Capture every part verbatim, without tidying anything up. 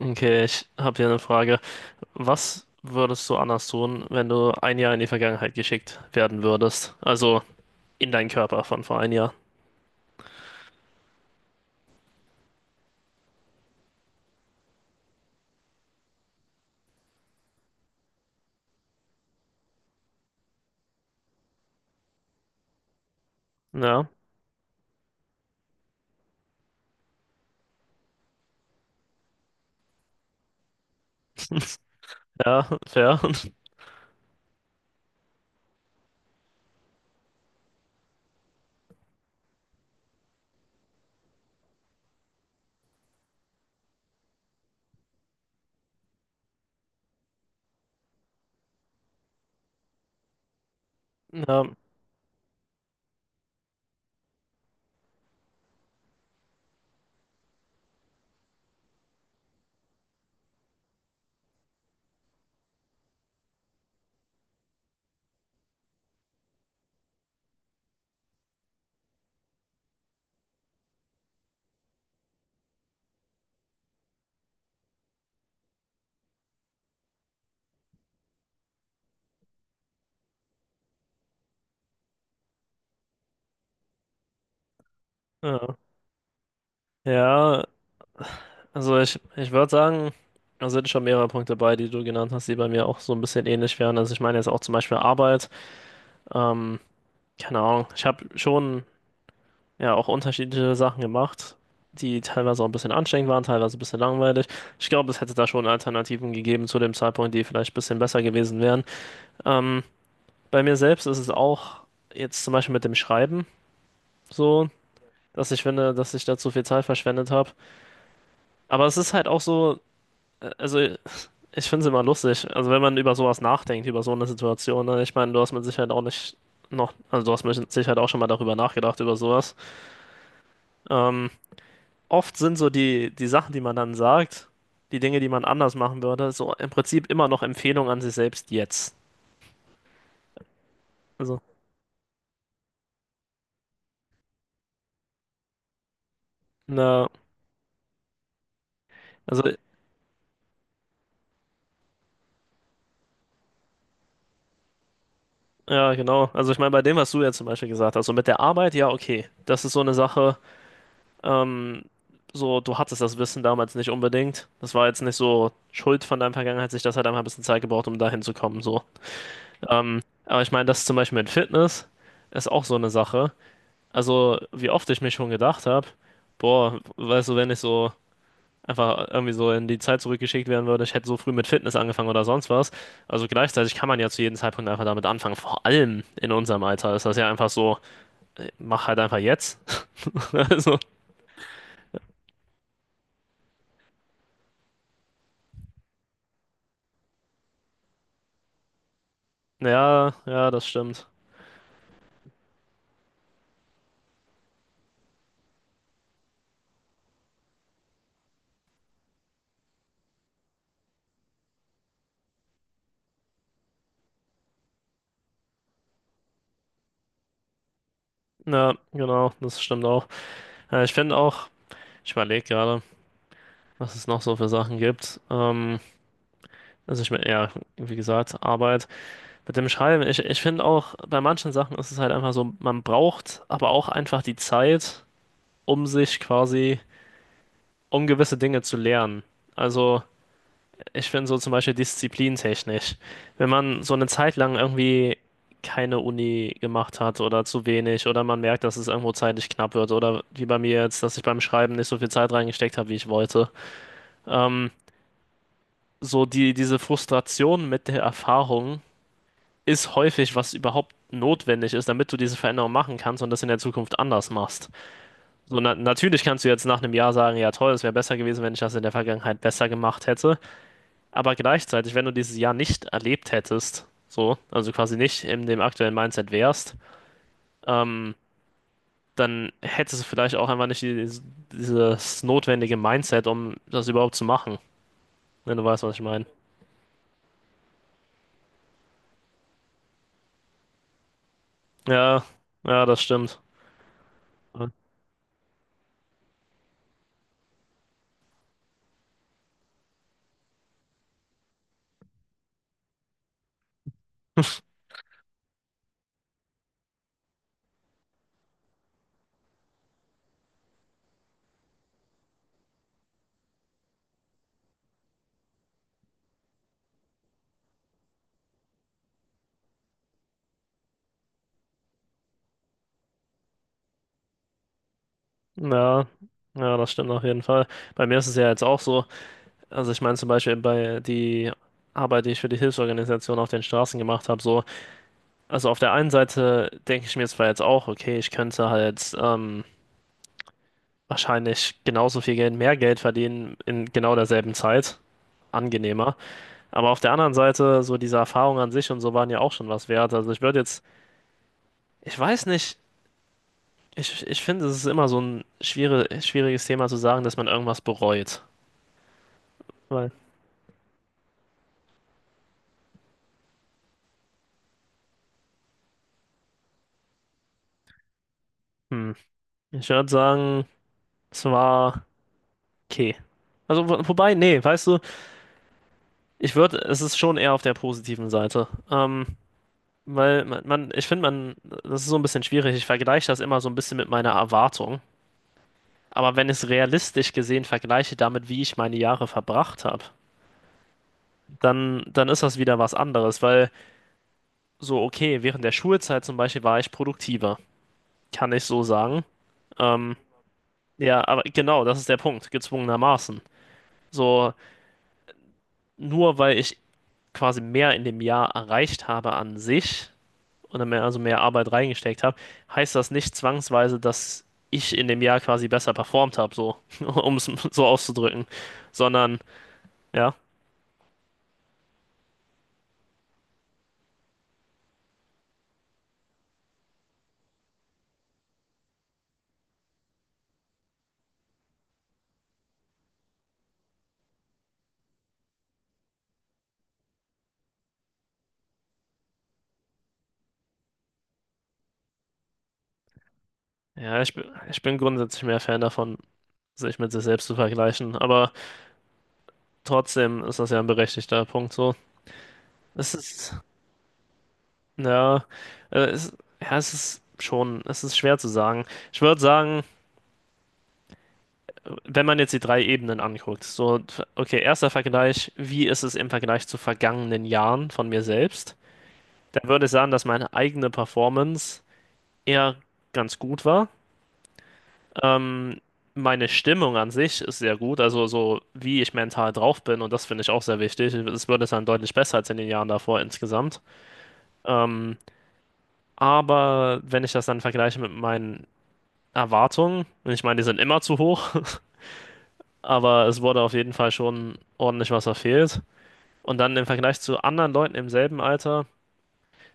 Okay, ich habe hier eine Frage. Was würdest du anders tun, wenn du ein Jahr in die Vergangenheit geschickt werden würdest? Also in deinen Körper von vor ein Jahr. Ja, ja, fair. Ja, ja, ja. Also ich, ich würde sagen, da sind schon mehrere Punkte bei, die du genannt hast, die bei mir auch so ein bisschen ähnlich wären. Also ich meine jetzt auch zum Beispiel Arbeit. Ähm, Keine Ahnung. Ich habe schon ja auch unterschiedliche Sachen gemacht, die teilweise auch ein bisschen anstrengend waren, teilweise ein bisschen langweilig. Ich glaube, es hätte da schon Alternativen gegeben zu dem Zeitpunkt, die vielleicht ein bisschen besser gewesen wären. Ähm, Bei mir selbst ist es auch jetzt zum Beispiel mit dem Schreiben so, dass ich finde, dass ich da zu viel Zeit verschwendet habe. Aber es ist halt auch so, äh, also ich finde es immer lustig. Also wenn man über sowas nachdenkt, über so eine Situation, ne? Ich meine, du hast mit Sicherheit auch nicht noch, also du hast mit Sicherheit auch schon mal darüber nachgedacht, über sowas. Ähm, Oft sind so die, die Sachen, die man dann sagt, die Dinge, die man anders machen würde, so im Prinzip immer noch Empfehlungen an sich selbst jetzt. Also, na, also, ja, genau. Also ich meine, bei dem, was du ja zum Beispiel gesagt hast, so mit der Arbeit, ja, okay. Das ist so eine Sache, ähm, so, du hattest das Wissen damals nicht unbedingt. Das war jetzt nicht so Schuld von deiner Vergangenheit, sich das hat einfach ein bisschen Zeit gebraucht, um dahin zu kommen, so. Ähm, aber ich meine, das zum Beispiel mit Fitness ist auch so eine Sache. Also, wie oft ich mich schon gedacht habe, boah, weißt du, wenn ich so einfach irgendwie so in die Zeit zurückgeschickt werden würde, ich hätte so früh mit Fitness angefangen oder sonst was. Also gleichzeitig kann man ja zu jedem Zeitpunkt einfach damit anfangen. Vor allem in unserem Alter ist das ja einfach so, äh, mach halt einfach jetzt. Also, ja, ja, das stimmt. Ja, genau, das stimmt auch. Äh, ich finde auch, ich überlege gerade, was es noch so für Sachen gibt. Ähm, also ich meine, ja, wie gesagt, Arbeit mit dem Schreiben. Ich, ich finde auch, bei manchen Sachen ist es halt einfach so, man braucht aber auch einfach die Zeit, um sich quasi um gewisse Dinge zu lernen. Also ich finde so zum Beispiel disziplintechnisch, wenn man so eine Zeit lang irgendwie keine Uni gemacht hat oder zu wenig oder man merkt, dass es irgendwo zeitlich knapp wird oder wie bei mir jetzt, dass ich beim Schreiben nicht so viel Zeit reingesteckt habe, wie ich wollte. Ähm, so die, diese Frustration mit der Erfahrung ist häufig, was überhaupt notwendig ist, damit du diese Veränderung machen kannst und das in der Zukunft anders machst. So, na natürlich kannst du jetzt nach einem Jahr sagen, ja toll, es wäre besser gewesen, wenn ich das in der Vergangenheit besser gemacht hätte. Aber gleichzeitig, wenn du dieses Jahr nicht erlebt hättest, so, also quasi nicht in dem aktuellen Mindset wärst, ähm, dann hättest du vielleicht auch einfach nicht die, dieses notwendige Mindset, um das überhaupt zu machen, wenn du weißt, was ich meine. Ja, ja, das stimmt. Ja, ja, das stimmt auf jeden Fall. Bei mir ist es ja jetzt auch so. Also ich meine zum Beispiel bei die Arbeit, die ich für die Hilfsorganisation auf den Straßen gemacht habe, so. Also auf der einen Seite denke ich mir zwar jetzt auch, okay, ich könnte halt ähm, wahrscheinlich genauso viel Geld, mehr Geld verdienen in genau derselben Zeit. Angenehmer. Aber auf der anderen Seite, so diese Erfahrungen an sich und so waren ja auch schon was wert. Also ich würde jetzt, ich weiß nicht, ich, ich finde, es ist immer so ein schwierig, schwieriges Thema zu sagen, dass man irgendwas bereut. Weil, hm, ich würde sagen, es war okay. Also, wo- wobei, nee, weißt du, ich würde, es ist schon eher auf der positiven Seite. Ähm, weil man, man ich finde, man, das ist so ein bisschen schwierig. Ich vergleiche das immer so ein bisschen mit meiner Erwartung. Aber wenn ich es realistisch gesehen vergleiche damit, wie ich meine Jahre verbracht habe, dann, dann ist das wieder was anderes, weil so, okay, während der Schulzeit zum Beispiel war ich produktiver, kann ich so sagen. Ähm, ja, aber genau, das ist der Punkt, gezwungenermaßen. So, nur weil ich quasi mehr in dem Jahr erreicht habe an sich und mehr, also mehr Arbeit reingesteckt habe, heißt das nicht zwangsweise, dass ich in dem Jahr quasi besser performt habe, so, um es so auszudrücken, sondern, ja. Ja, ich bin, ich bin grundsätzlich mehr Fan davon, sich mit sich selbst zu vergleichen, aber trotzdem ist das ja ein berechtigter Punkt so. Es ist, ja, äh, es, ja, es ist schon, es ist schwer zu sagen. Ich würde sagen, wenn man jetzt die drei Ebenen anguckt, so, okay, erster Vergleich, wie ist es im Vergleich zu vergangenen Jahren von mir selbst? Dann würde ich sagen, dass meine eigene Performance eher ganz gut war. Ähm, Meine Stimmung an sich ist sehr gut, also so wie ich mental drauf bin und das finde ich auch sehr wichtig. Es wird es dann deutlich besser als in den Jahren davor insgesamt. Ähm, aber wenn ich das dann vergleiche mit meinen Erwartungen, und ich meine, die sind immer zu hoch, aber es wurde auf jeden Fall schon ordentlich was verfehlt. Und dann im Vergleich zu anderen Leuten im selben Alter,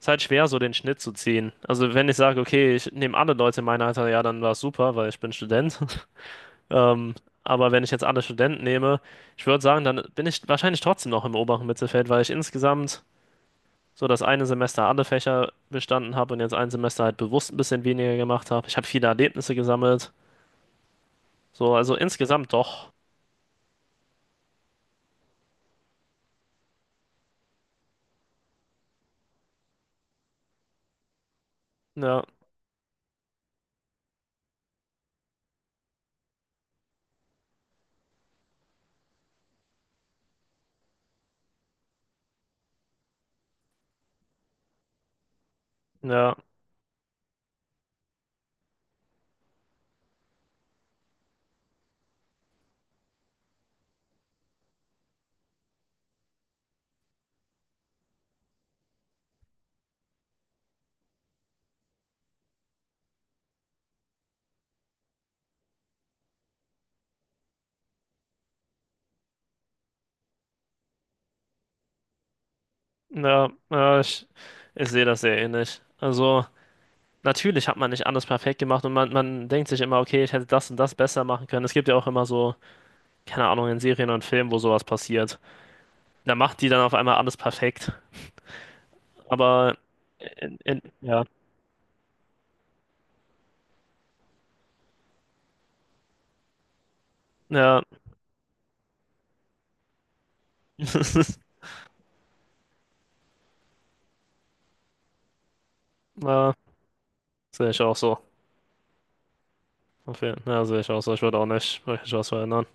ist halt schwer, so den Schnitt zu ziehen. Also wenn ich sage, okay, ich nehme alle Leute in meinem Alter, ja, dann war es super, weil ich bin Student. Ähm, aber wenn ich jetzt alle Studenten nehme, ich würde sagen, dann bin ich wahrscheinlich trotzdem noch im oberen Mittelfeld, weil ich insgesamt so das eine Semester alle Fächer bestanden habe und jetzt ein Semester halt bewusst ein bisschen weniger gemacht habe. Ich habe viele Erlebnisse gesammelt. So, also insgesamt doch. Ja, ja, ja, ja, ich, ich sehe das sehr ähnlich. Also natürlich hat man nicht alles perfekt gemacht und man, man denkt sich immer, okay, ich hätte das und das besser machen können. Es gibt ja auch immer so, keine Ahnung, in Serien und Filmen, wo sowas passiert. Da macht die dann auf einmal alles perfekt. Aber in, in, ja, ja, na, sehe ich auch so. Auf jeden- Ja, sehe ich auch so. Ich würde auch nicht wirklich was verändern.